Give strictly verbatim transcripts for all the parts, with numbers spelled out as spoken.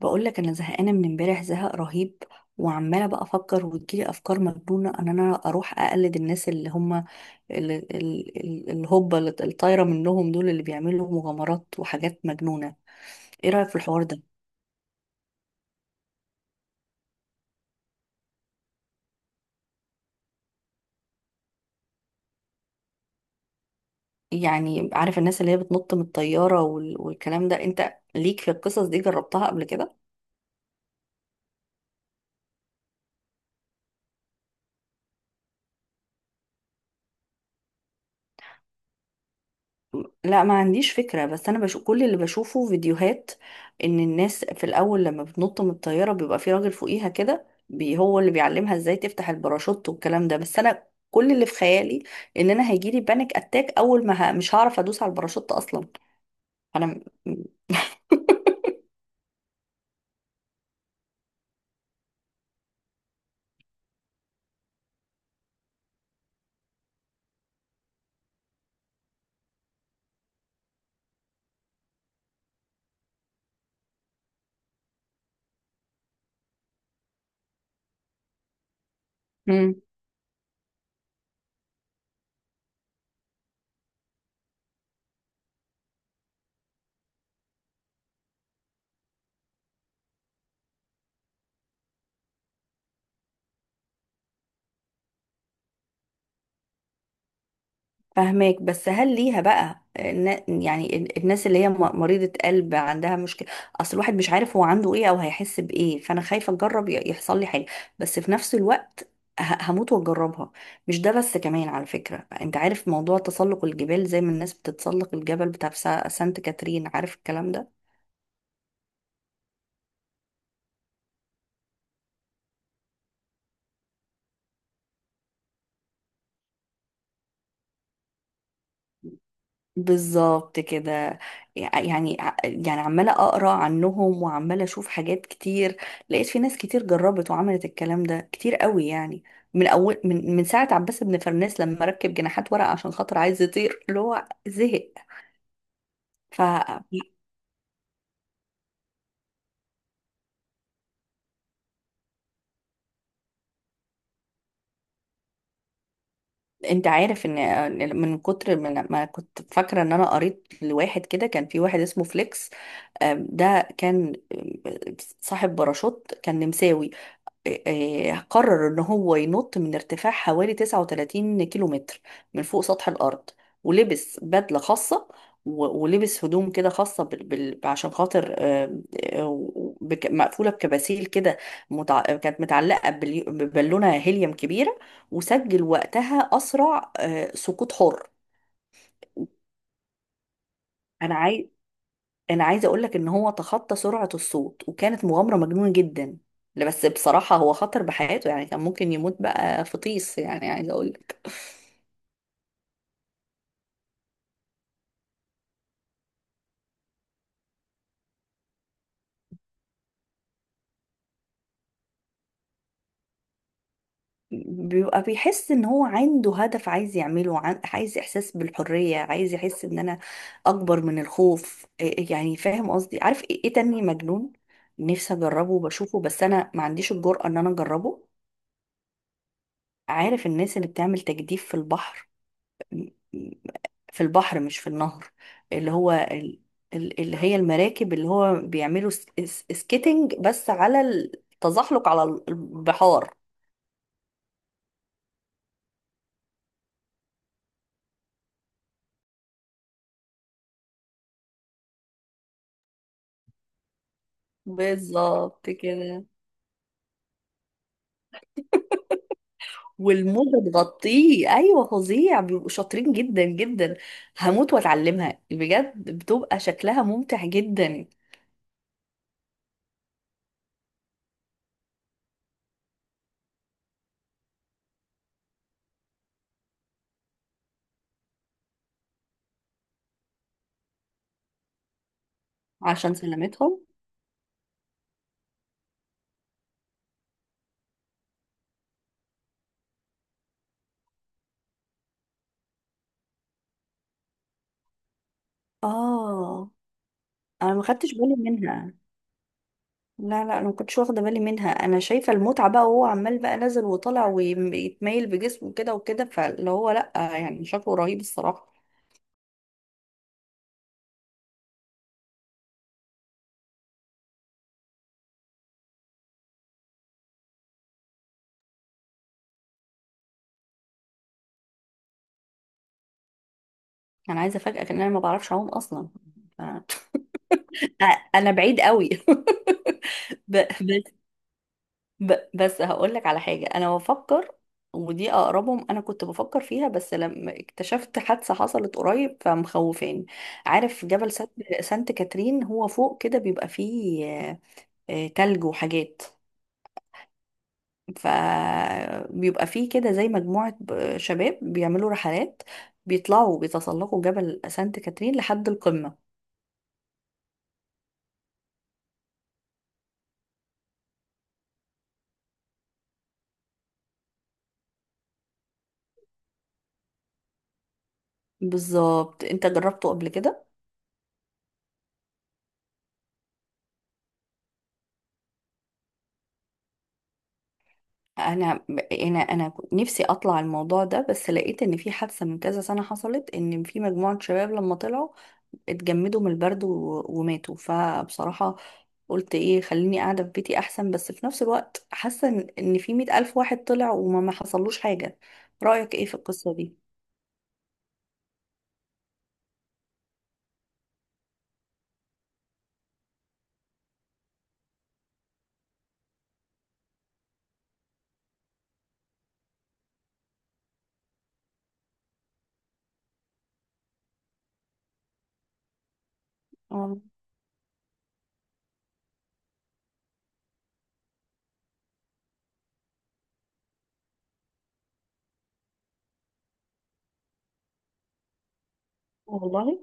بقول لك انا زهقانه من امبارح، زهق رهيب. وعماله بقى افكر وتجيلي افكار مجنونه ان انا اروح اقلد الناس اللي هم ال- ال- ال- الهبه اللي الطايره منهم دول، اللي بيعملوا مغامرات وحاجات مجنونه. ايه رايك في الحوار ده؟ يعني عارف الناس اللي هي بتنط من الطياره وال- والكلام ده، انت ليك في القصص دي؟ جربتها قبل كده؟ لا، ما عنديش فكرة، بس أنا بشوف كل اللي بشوفه فيديوهات، إن الناس في الأول لما بتنط من الطيارة بيبقى في راجل فوقيها كده بي، هو اللي بيعلمها إزاي تفتح الباراشوت والكلام ده. بس أنا كل اللي في خيالي إن أنا هيجيلي بانيك أتاك، أول ما ه... مش هعرف أدوس على الباراشوت أصلا. أنا م- فهماك، بس هل ليها بقى النا- يعني ال- الناس اللي هي م- مريضة قلب عندها مشكلة؟ اصل الواحد مش عارف هو عنده ايه او هيحس بايه، فانا خايفة اجرب ي- يحصل لي حاجة. بس في نفس الوقت ه- هموت واجربها. مش ده بس، كمان على فكرة انت عارف موضوع تسلق الجبال زي ما الناس بتتسلق الجبل بتاع سا- سانت كاترين، عارف الكلام ده؟ بالظبط كده. يعني يعني عمالة أقرأ عنهم وعمالة أشوف حاجات كتير، لقيت في ناس كتير جربت وعملت الكلام ده كتير قوي يعني. من أول من من ساعة عباس بن فرناس لما ركب جناحات ورق عشان خاطر عايز يطير، اللي هو زهق. فأنت عارف إن من كتر من ما كنت فاكرة إن أنا قريت لواحد كده، كان في واحد اسمه فليكس. آم، ده كان آم، صاحب باراشوت، كان نمساوي. آه، قرر ان هو ينط من ارتفاع حوالي تسعة وثلاثون كيلو متر من فوق سطح الارض، ولبس بدلة خاصة. و- ولبس هدوم كده خاصة بال... بال... عشان خاطر، آه، آه، بك... مقفولة بكباسيل كده، متع... كانت متعلقة بلي... ببالونة هيليوم كبيرة. وسجل وقتها أسرع آه، سقوط حر. أنا عايز انا عايزه اقول لك ان هو تخطى سرعه الصوت، وكانت مغامره مجنونه جدا. لا، بس بصراحه هو خطر بحياته، يعني كان ممكن يموت بقى في طيس، يعني عايزه اقول لك. بيبقى بيحس ان هو عنده هدف عايز يعمله، عن- عايز احساس بالحريه، عايز يحس ان انا اكبر من الخوف. إيه- يعني فاهم قصدي؟ عارف ايه إيه تاني مجنون؟ نفسي اجربه وبشوفه، بس انا ما عنديش الجرأة ان انا اجربه. عارف الناس اللي بتعمل تجديف في البحر؟ في البحر مش في النهر. اللي هو ال- ال- اللي هي المراكب، اللي هو بيعملوا س- س- سكيتنج، بس على التزحلق على البحار. بالظبط كده. والموجة تغطيه، ايوه، فظيع، بيبقوا شاطرين جدا جدا. هموت واتعلمها بجد، بتبقى شكلها ممتع جدا. عشان سلامتهم. اه، انا ما خدتش بالي منها. لا لا، انا ما كنتش واخده بالي منها. انا شايفه المتعه بقى، وهو عمال بقى نازل وطالع ويتميل بجسمه كده وكده، فاللي هو لا، يعني شكله رهيب الصراحه. انا عايزه افاجئك ان انا ما بعرفش اعوم اصلا. ف- أ- انا بعيد قوي. ب- بس ب- بس هقول لك على حاجه انا بفكر، ودي اقربهم. انا كنت بفكر فيها، بس لما اكتشفت حادثه حصلت قريب فمخوفاني. عارف جبل سانت سانت كاترين؟ هو فوق كده بيبقى فيه آه، آه، تلج وحاجات، فبيبقى فيه كده زي مجموعة ب- شباب بيعملوا رحلات، بيطلعوا بيتسلقوا جبل سانت كاترين لحد القمة. بالظبط. انت جربته قبل كده؟ انا انا انا كنت نفسي اطلع الموضوع ده، بس لقيت ان في حادثة من كذا سنة حصلت، ان في مجموعة شباب لما طلعوا اتجمدوا من البرد و- وماتوا، فبصراحة قلت ايه، خليني قاعدة في بيتي احسن. بس في نفس الوقت حاسة ان إن في مئة الف واحد طلع وما ما حصلوش حاجة. رأيك ايه في القصة دي؟ والله،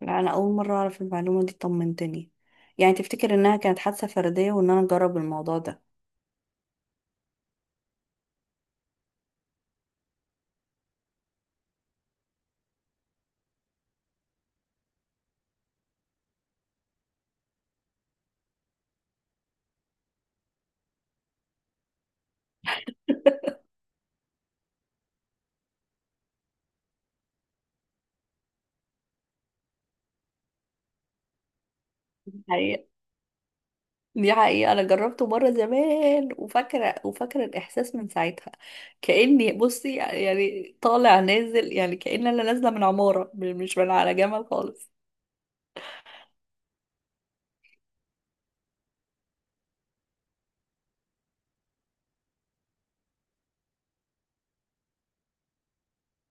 لا، انا اول مره اعرف المعلومه دي، طمنتني. يعني تفتكر انها كانت حادثه فرديه وان انا اجرب الموضوع ده؟ دي حقيقة دي حقيقة. أنا جربته مرة زمان، وفاكرة وفاكرة الإحساس من ساعتها، كأني بصي يعني طالع نازل، يعني كأن أنا نازلة من عمارة مش من على جمل خالص.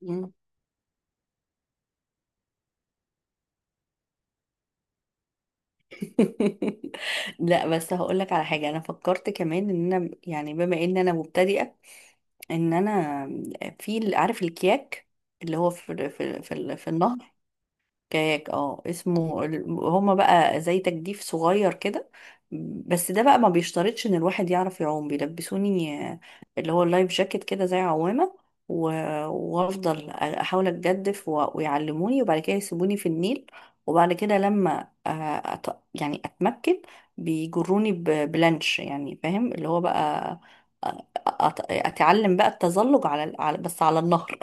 مم. لا، بس هقول لك على حاجه انا فكرت كمان، ان انا يعني بما ان انا مبتدئه، ان انا في، عارف الكياك؟ اللي هو في في في, في النهر. كاياك، اه، اسمه ال- هما بقى زي تجديف صغير كده، بس ده بقى ما بيشترطش ان الواحد يعرف يعوم. بيلبسوني آه، اللي هو اللايف جاكيت كده زي عوامة، و- وافضل احاول اتجدف، و- ويعلموني وبعد كده يسيبوني في النيل. وبعد كده لما آه، أت... يعني اتمكن، بيجروني ب- بلانش، يعني فاهم اللي هو بقى، آه، أ- أت... اتعلم بقى التزلج على على- بس على النهر.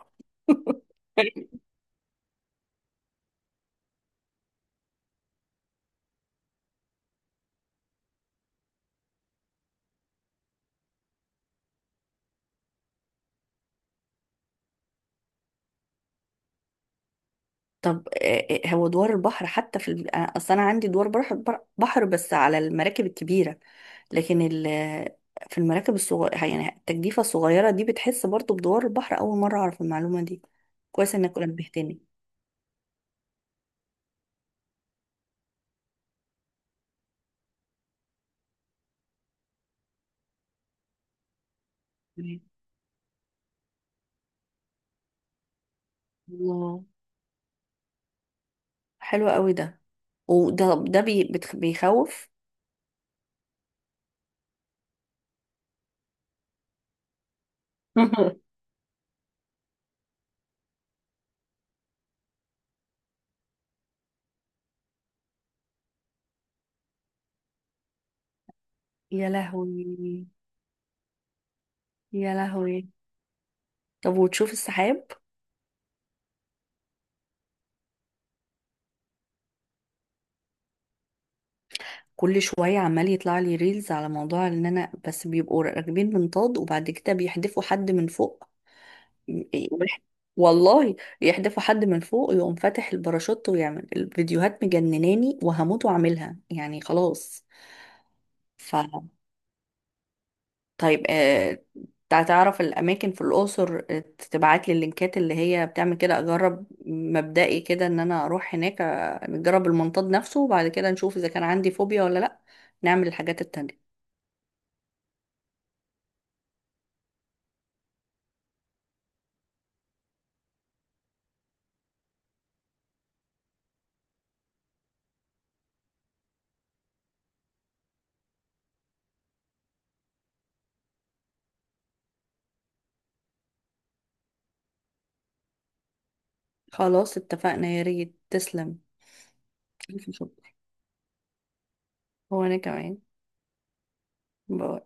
طب، آه، آه، هو دوار البحر حتى في ال... آه، اصل انا عندي دوار بحر، بر- بحر، بس على المراكب الكبيره. لكن ال... آه، في المراكب الصغيره، يعني التجديفه الصغيره دي، بتحس برضو بدوار البحر؟ اول مره اعرف المعلومه دي. كويس انك نبهتني. تمام. الله، حلو قوي ده. وده ده بي... بتخ... بيخوف. يا لهوي، يا لهوي. طب وتشوف السحاب؟ كل شوية عمال يطلع لي ريلز على موضوع ان انا بس بيبقوا راكبين منطاد، وبعد كده بيحدفوا حد من فوق. ويح- والله يحدفوا حد من فوق يقوم فاتح الباراشوت، ويعمل الفيديوهات مجنناني، وهموت واعملها يعني، خلاص. ف طيب، آه تع- تعرف الاماكن في الاقصر؟ آه، تبعت لي اللينكات اللي هي بتعمل كده، اجرب مبدئي كده ان انا اروح هناك، آه، نجرب المنطاد نفسه وبعد كده نشوف اذا كان عندي فوبيا ولا لا، نعمل الحاجات التانية. خلاص اتفقنا، يا ريت تسلم. ألف شكر. هو انا كمان. باي.